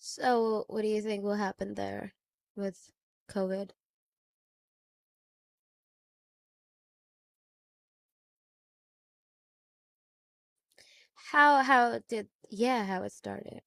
So, what do you think will happen there with COVID? How did, yeah, how it started.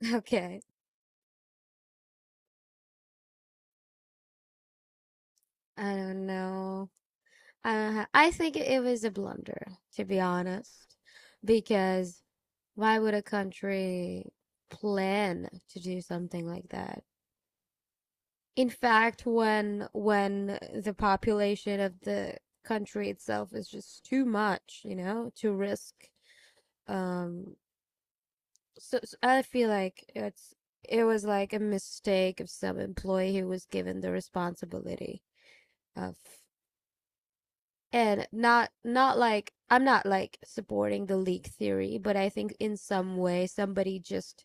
Okay. I don't know. I don't ha I think it was a blunder, to be honest, because why would a country plan to do something like that? In fact, when the population of the country itself is just too much, you know, to risk um so, I feel like it was like a mistake of some employee who was given the responsibility of, and not not like, I'm not like supporting the leak theory, but I think in some way somebody just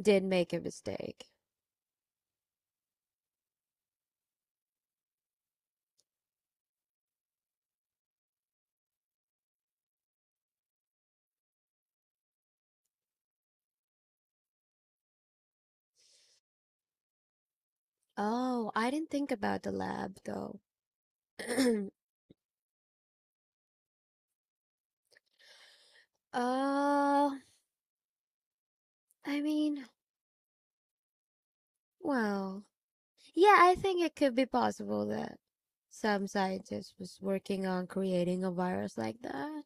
did make a mistake. Oh, I didn't think about the lab though. uh, I mean, well, yeah, I think it could be possible that some scientist was working on creating a virus like that.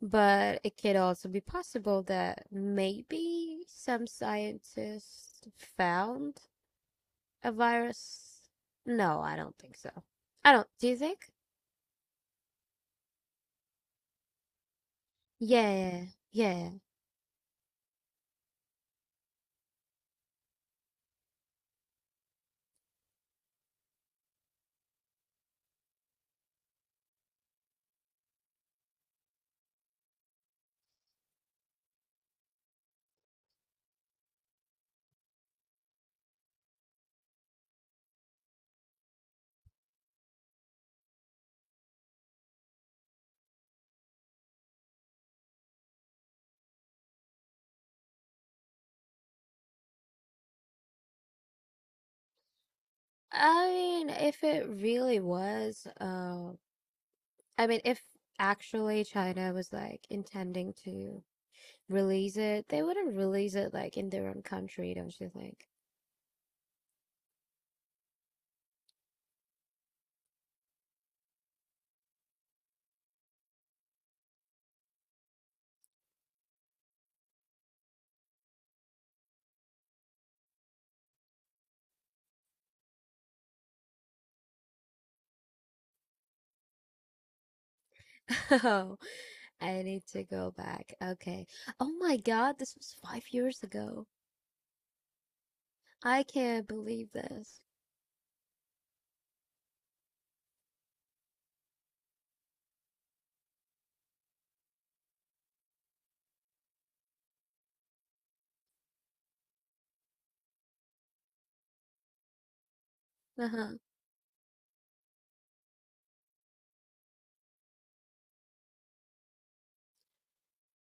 But it could also be possible that maybe some scientists found a virus. No, I don't think so. I don't. Do you think? Yeah, yeah. I mean, if it really was, I mean, if actually China was like intending to release it, they wouldn't release it like in their own country, don't you think? Oh, I need to go back. Okay. Oh my God, this was 5 years ago. I can't believe this. Uh-huh.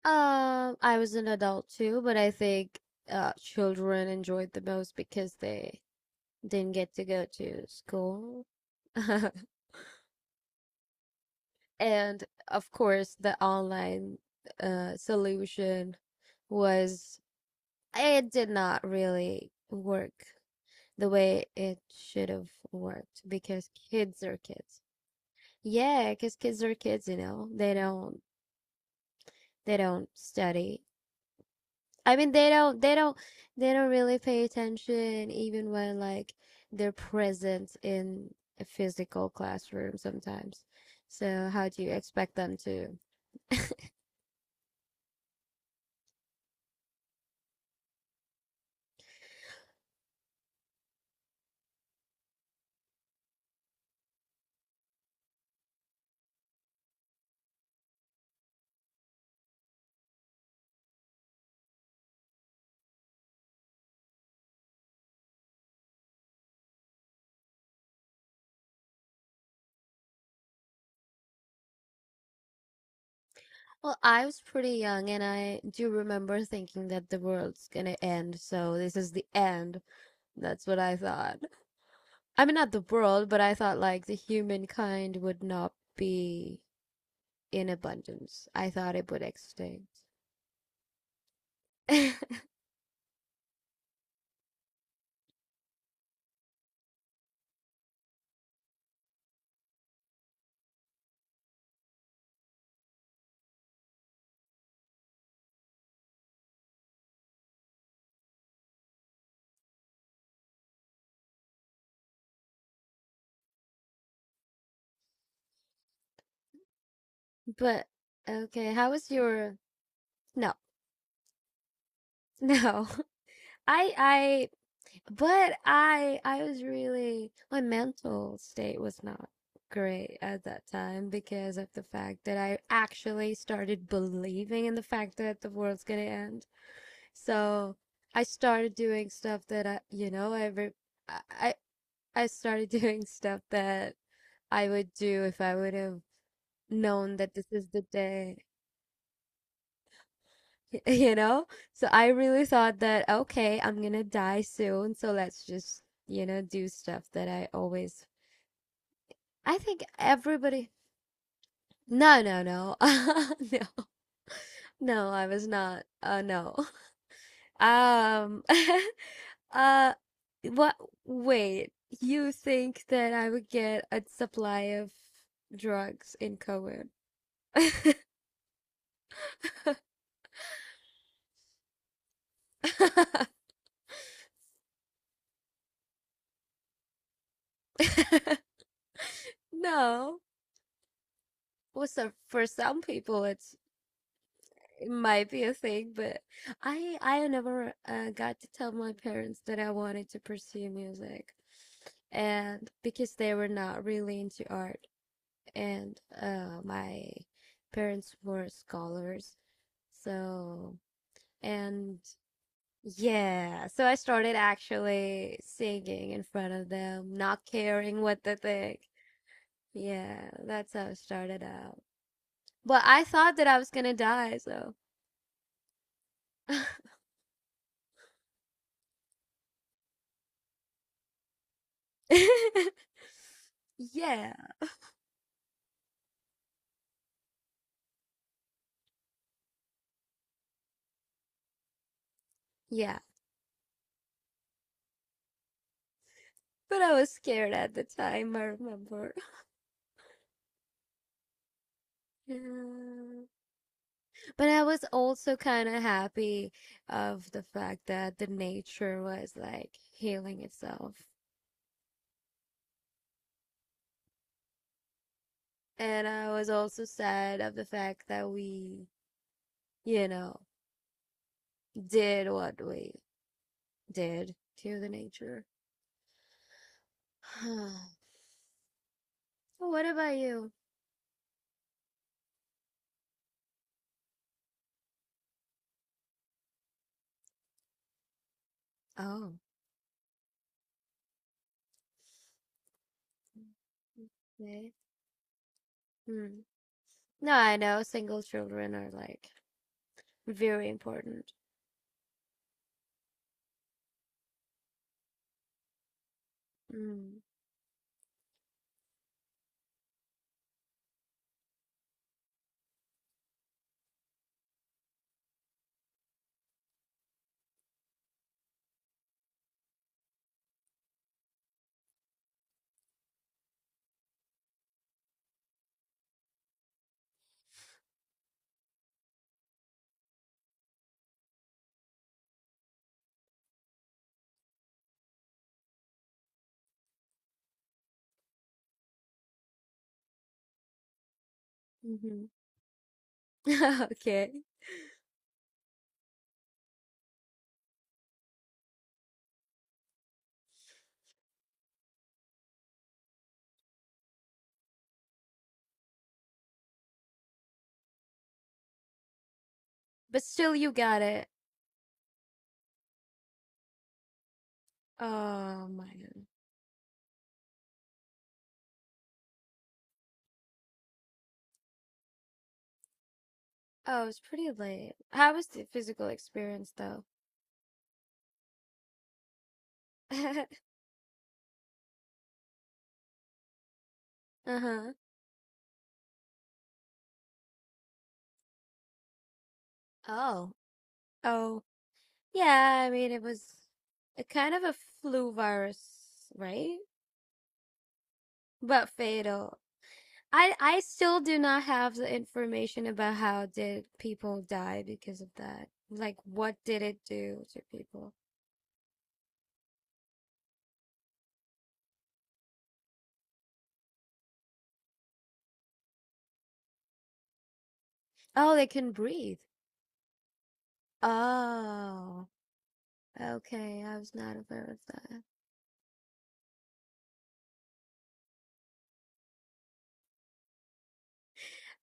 I was an adult too, but I think children enjoyed the most because they didn't get to go to school. And of course, the online solution was, it did not really work the way it should have worked because kids are kids. Yeah, because kids are kids, you know. They don't study. I mean, they don't really pay attention even when like they're present in a physical classroom sometimes. So how do you expect them to? Well, I was pretty young and I do remember thinking that the world's gonna end, so this is the end. That's what I thought. I mean, not the world, but I thought like the humankind would not be in abundance. I thought it would extinct. But okay, how was your, no? No. I but I was really, my mental state was not great at that time because of the fact that I actually started believing in the fact that the world's gonna end. So I started doing stuff that I. I I I started doing stuff that I would do if I would have known that this is the day you know? So I really thought that, okay, I'm gonna die soon, so let's just, you know, do stuff that I always. I think everybody. No, no, no. No, no, I was not. No. Um, uh, what? Wait, you think that I would get a supply of drugs in COVID? No. Well, so for some people, it might be a thing, but I never, got to tell my parents that I wanted to pursue music, and because they were not really into art, and my parents were scholars, so, and yeah, so I started actually singing in front of them, not caring what they think. Yeah, that's how it started out. But I thought that I was gonna die, so. Yeah. Yeah, but I was scared at the time, I remember. Yeah. But I was also kind of happy of the fact that the nature was like healing itself. And I was also sad of the fact that we, you know, did what we did to the nature. What about you? Oh, okay. Hmm. No, I know single children are like very important. Mm. Hmm. Okay. But still, you got it. Oh my God. Oh, it's pretty late. How was the physical experience though? Uh-huh. Oh. Oh. Yeah, I mean it was a kind of a flu virus, right? But fatal. I still do not have the information about how did people die because of that. Like what did it do to people? Oh, they couldn't breathe. Oh. Okay, I was not aware of that.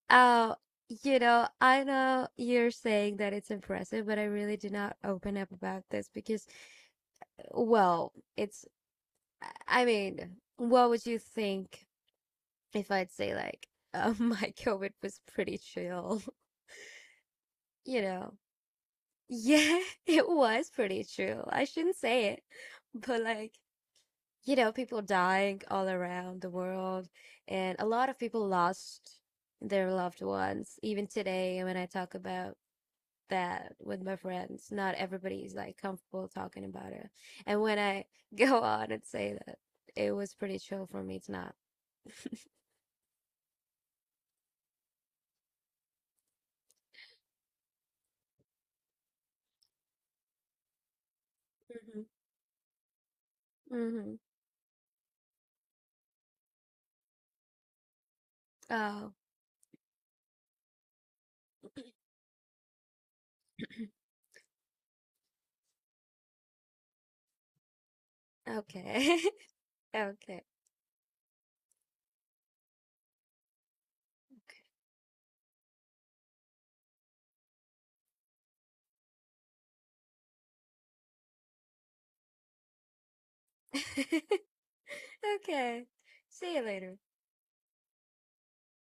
Oh, you know, I know you're saying that it's impressive, but I really do not open up about this because, well, it's, I mean, what would you think if I'd say, like, my COVID was pretty chill? You know, yeah, it was pretty chill. I shouldn't say it, but like, you know, people dying all around the world, and a lot of people lost their loved ones. Even today, when I talk about that with my friends. Not everybody's like comfortable talking about it. And when I go on and say that, it was pretty chill for me. It's not. Mm-hmm. Mm-hmm. Oh. Okay. Okay. Okay. Okay. See you later.